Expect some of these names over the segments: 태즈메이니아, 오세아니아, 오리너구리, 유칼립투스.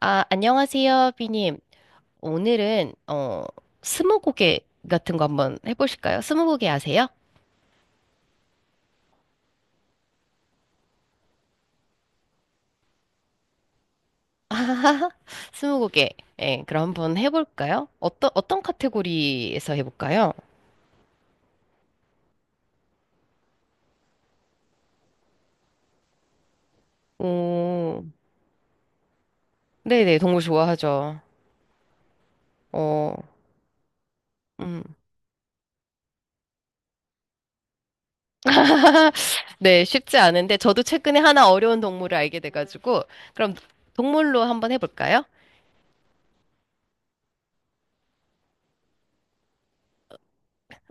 아, 안녕하세요, 비님. 오늘은, 스무고개 같은 거 한번 해보실까요? 스무고개 아세요? 스무고개. 예, 그럼 한번 해볼까요? 어떤 카테고리에서 해볼까요? 오, 네네, 동물 좋아하죠. 어, 음. 네, 쉽지 않은데, 저도 최근에 하나 어려운 동물을 알게 돼가지고, 그럼 동물로 한번 해볼까요?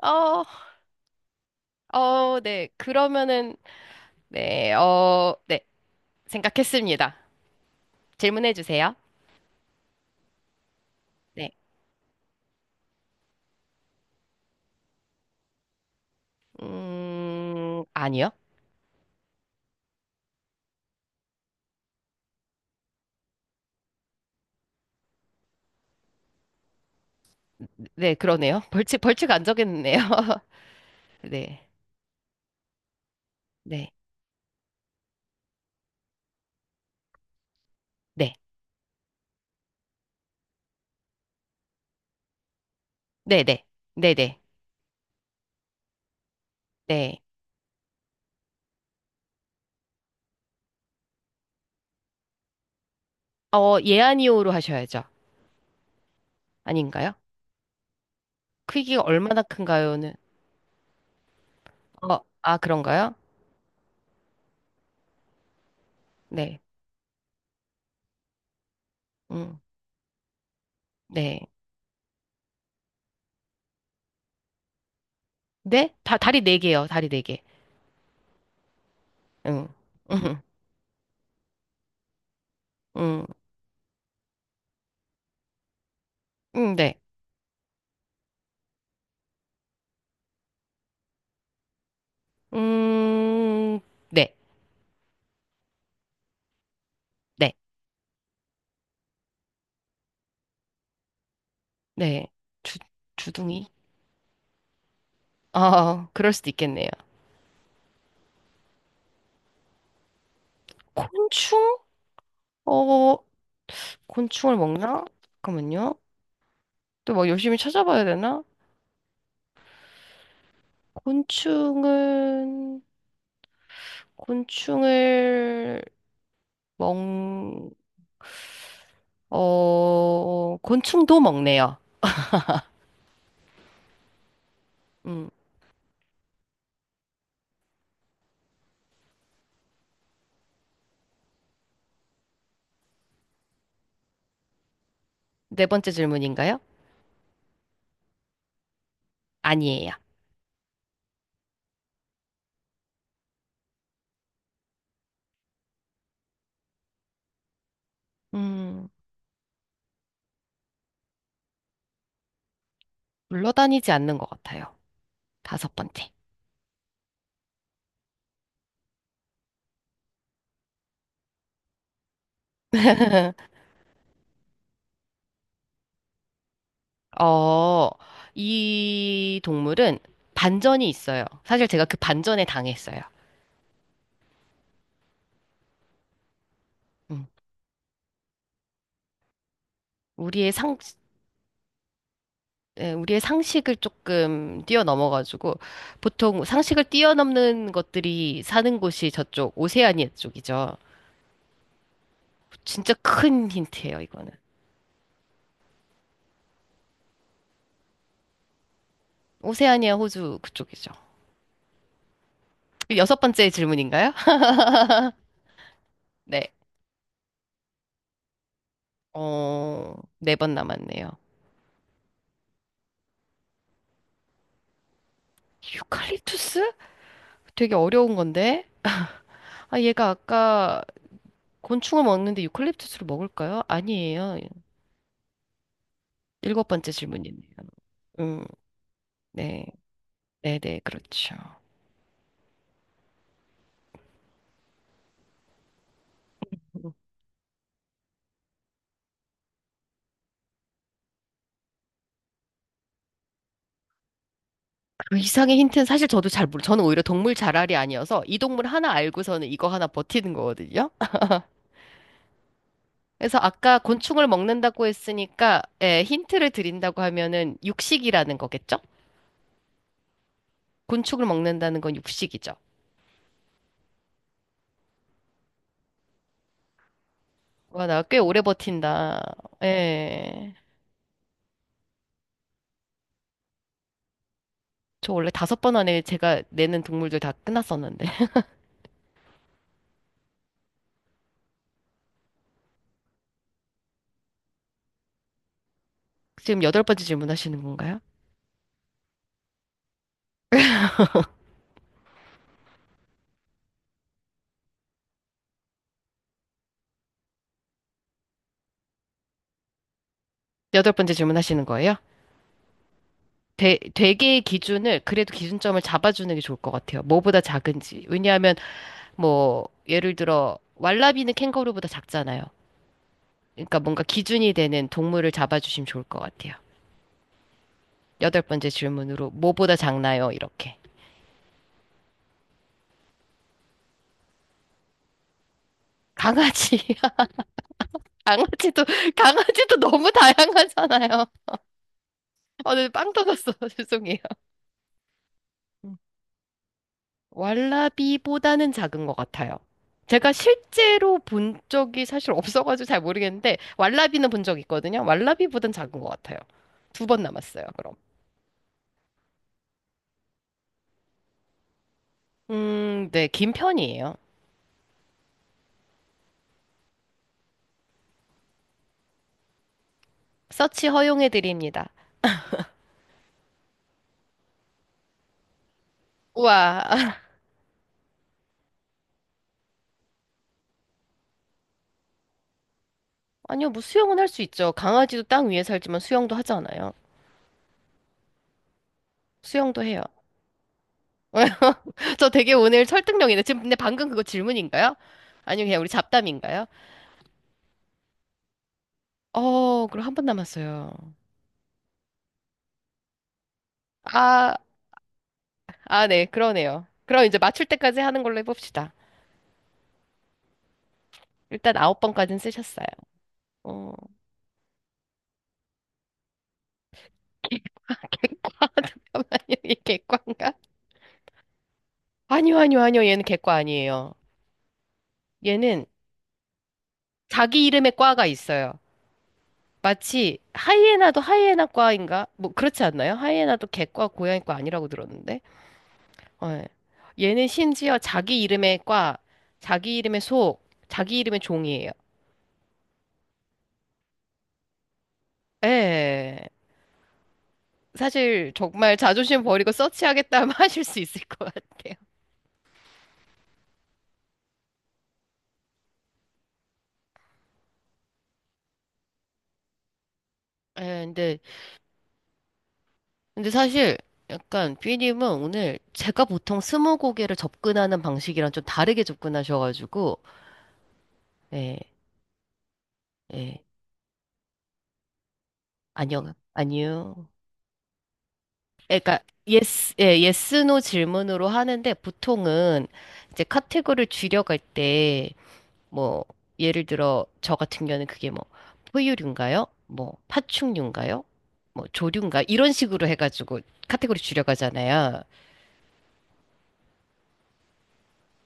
어, 어, 네, 그러면은, 네, 어, 네, 생각했습니다. 질문해 주세요. 네. 아니요. 네, 그러네요. 벌칙 안 정했네요. 네. 네. 네. 네 네. 네네. 네. 네, 네. 예, 아니요로 하셔야죠. 아닌가요? 크기가 얼마나 큰가요는? 어, 아, 그런가요? 네. 음, 네. 네? 다리 네개요 다리 네개. 응. 음, 음, 네. 음, 네. 네. 네. 주, 주둥이? 아, 그럴 수도 있겠네요. 곤충? 어, 곤충을 먹나? 잠깐만요. 또 막 열심히 찾아봐야 되나? 곤충은, 곤충을 먹, 곤충도 먹네요. 음, 네 번째 질문인가요? 아니에요. 음, 물러다니지 않는 것 같아요. 다섯 번째. 어, 이 동물은 반전이 있어요. 사실 제가 그 반전에 당했어요. 음, 우리의 상, 예, 우리의 상식을 조금 뛰어넘어가지고 보통 상식을 뛰어넘는 것들이 사는 곳이 저쪽 오세아니아 쪽이죠. 진짜 큰 힌트예요, 이거는. 오세아니아 호주 그쪽이죠. 여섯 번째 질문인가요? 네. 네 번 남았네요. 유칼립투스? 되게 어려운 건데. 아, 얘가 아까 곤충을 먹는데 유칼립투스를 먹을까요? 아니에요. 일곱 번째 질문이네요. 음, 네. 네네, 그렇죠. 그 이상의 힌트는 사실 저는 오히려 동물 자랄이 아니어서 이 동물 하나 알고서는 이거 하나 버티는 거거든요. 그래서 아까 곤충을 먹는다고 했으니까, 예, 힌트를 드린다고 하면은 육식이라는 거겠죠? 곤충을 먹는다는 건 육식이죠. 와, 나 꽤 오래 버틴다. 예. 저 원래 다섯 번 안에 제가 내는 동물들 다 끝났었는데. 지금 여덟 번째 질문하시는 건가요? 여덟 번째 질문하시는 거예요? 되게의 기준을, 그래도 기준점을 잡아주는 게 좋을 것 같아요. 뭐보다 작은지. 왜냐하면 뭐 예를 들어 왈라비는 캥거루보다 작잖아요. 그러니까 뭔가 기준이 되는 동물을 잡아주시면 좋을 것 같아요. 여덟 번째 질문으로 뭐보다 작나요? 이렇게. 강아지. 강아지도 강아지도 너무 다양하잖아요. 오늘 빵 터졌어. 죄송해요. 음. 왈라비보다는 작은 것 같아요. 제가 실제로 본 적이 사실 없어가지고 잘 모르겠는데 왈라비는 본 적 있거든요. 왈라비보단 작은 것 같아요. 두 번 남았어요. 그럼. 네, 긴 편이에요. 서치 허용해드립니다. 우와. 아니요, 뭐 수영은 할 수 있죠. 강아지도 땅 위에 살지만 수영도 하잖아요. 수영도 해요. 저 되게 오늘 설득력이네. 지금 근데 방금 그거 질문인가요? 아니면 그냥 우리 잡담인가요? 그럼 한 번 남았어요. 아, 아, 네, 그러네요. 그럼 이제 맞출 때까지 하는 걸로 해봅시다. 일단 아홉 번까지는 쓰셨어요. 어, 잠깐만요. 이게 객과인가? 아니요, 아니요, 아니요. 얘는 객과 아니에요. 얘는 자기 이름의 과가 있어요. 마치 하이에나도 하이에나과인가? 뭐 그렇지 않나요? 하이에나도 개과 고양이과 아니라고 들었는데. 어, 예. 얘는 심지어 자기 이름의 과, 자기 이름의 속, 자기 이름의 종이에요. 예. 사실 정말 자존심 버리고 서치하겠다면 하실 수 있을 것 같아요. 예, 근데 사실 약간 삐님은 오늘 제가 보통 스무고개를 접근하는 방식이랑 좀 다르게 접근하셔가지고 예, 예. 안녕, 안녕. 그러니까 예스 노 질문으로 하는데 보통은 이제 카테고리를 줄여갈 때 뭐 예를 들어 저 같은 경우는 그게 뭐 포유류인가요? 뭐 파충류인가요? 뭐 조류인가? 이런 식으로 해가지고 카테고리 줄여가잖아요.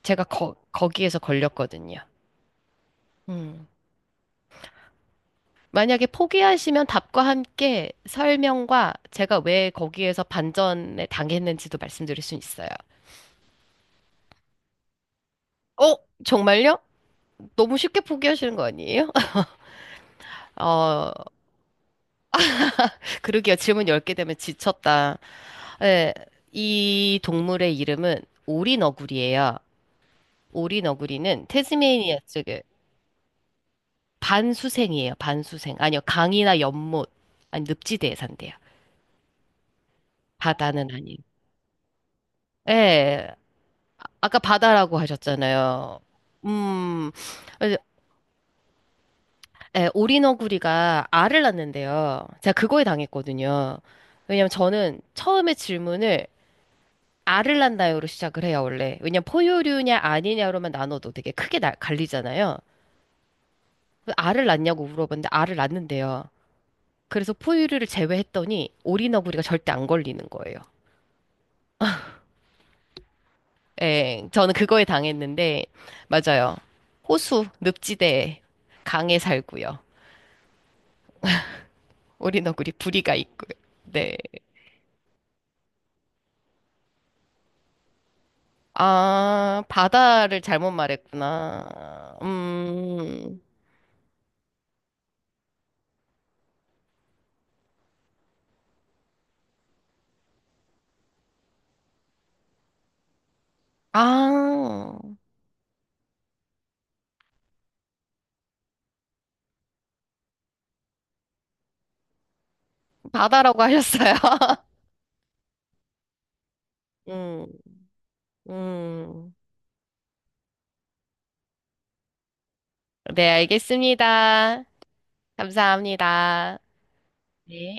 제가 거기에서 걸렸거든요. 음. 만약에 포기하시면 답과 함께 설명과 제가 왜 거기에서 반전에 당했는지도 말씀드릴 수 있어요. 어? 정말요? 너무 쉽게 포기하시는 거 아니에요? 어, 그러게요. 질문 10개 되면 지쳤다. 예, 이 동물의 이름은 오리너구리예요. 오리너구리는 태즈메이니아 쪽에 반수생이에요. 반수생. 아니요, 강이나 연못, 아니 늪지대에 산대요. 바다는 아닌. 예, 아까 바다라고 하셨잖아요. 음, 그래서, 예, 오리너구리가 알을 낳는데요. 제가 그거에 당했거든요. 왜냐면 저는 처음에 질문을 알을 낳나요로 시작을 해요, 원래. 왜냐면 포유류냐 아니냐로만 나눠도 되게 크게 갈리잖아요. 알을 낳냐고 물어봤는데 알을 낳는데요. 그래서 포유류를 제외했더니 오리너구리가 절대 안 걸리는 거예요. 예, 저는 그거에 당했는데, 맞아요. 호수, 늪지대, 강에 살고요. 오리너구리 부리가 있고요. 네. 아, 바다를 잘못 말했구나. 아, 바다라고 하셨어요. 음. 음, 네, 알겠습니다. 감사합니다. 네.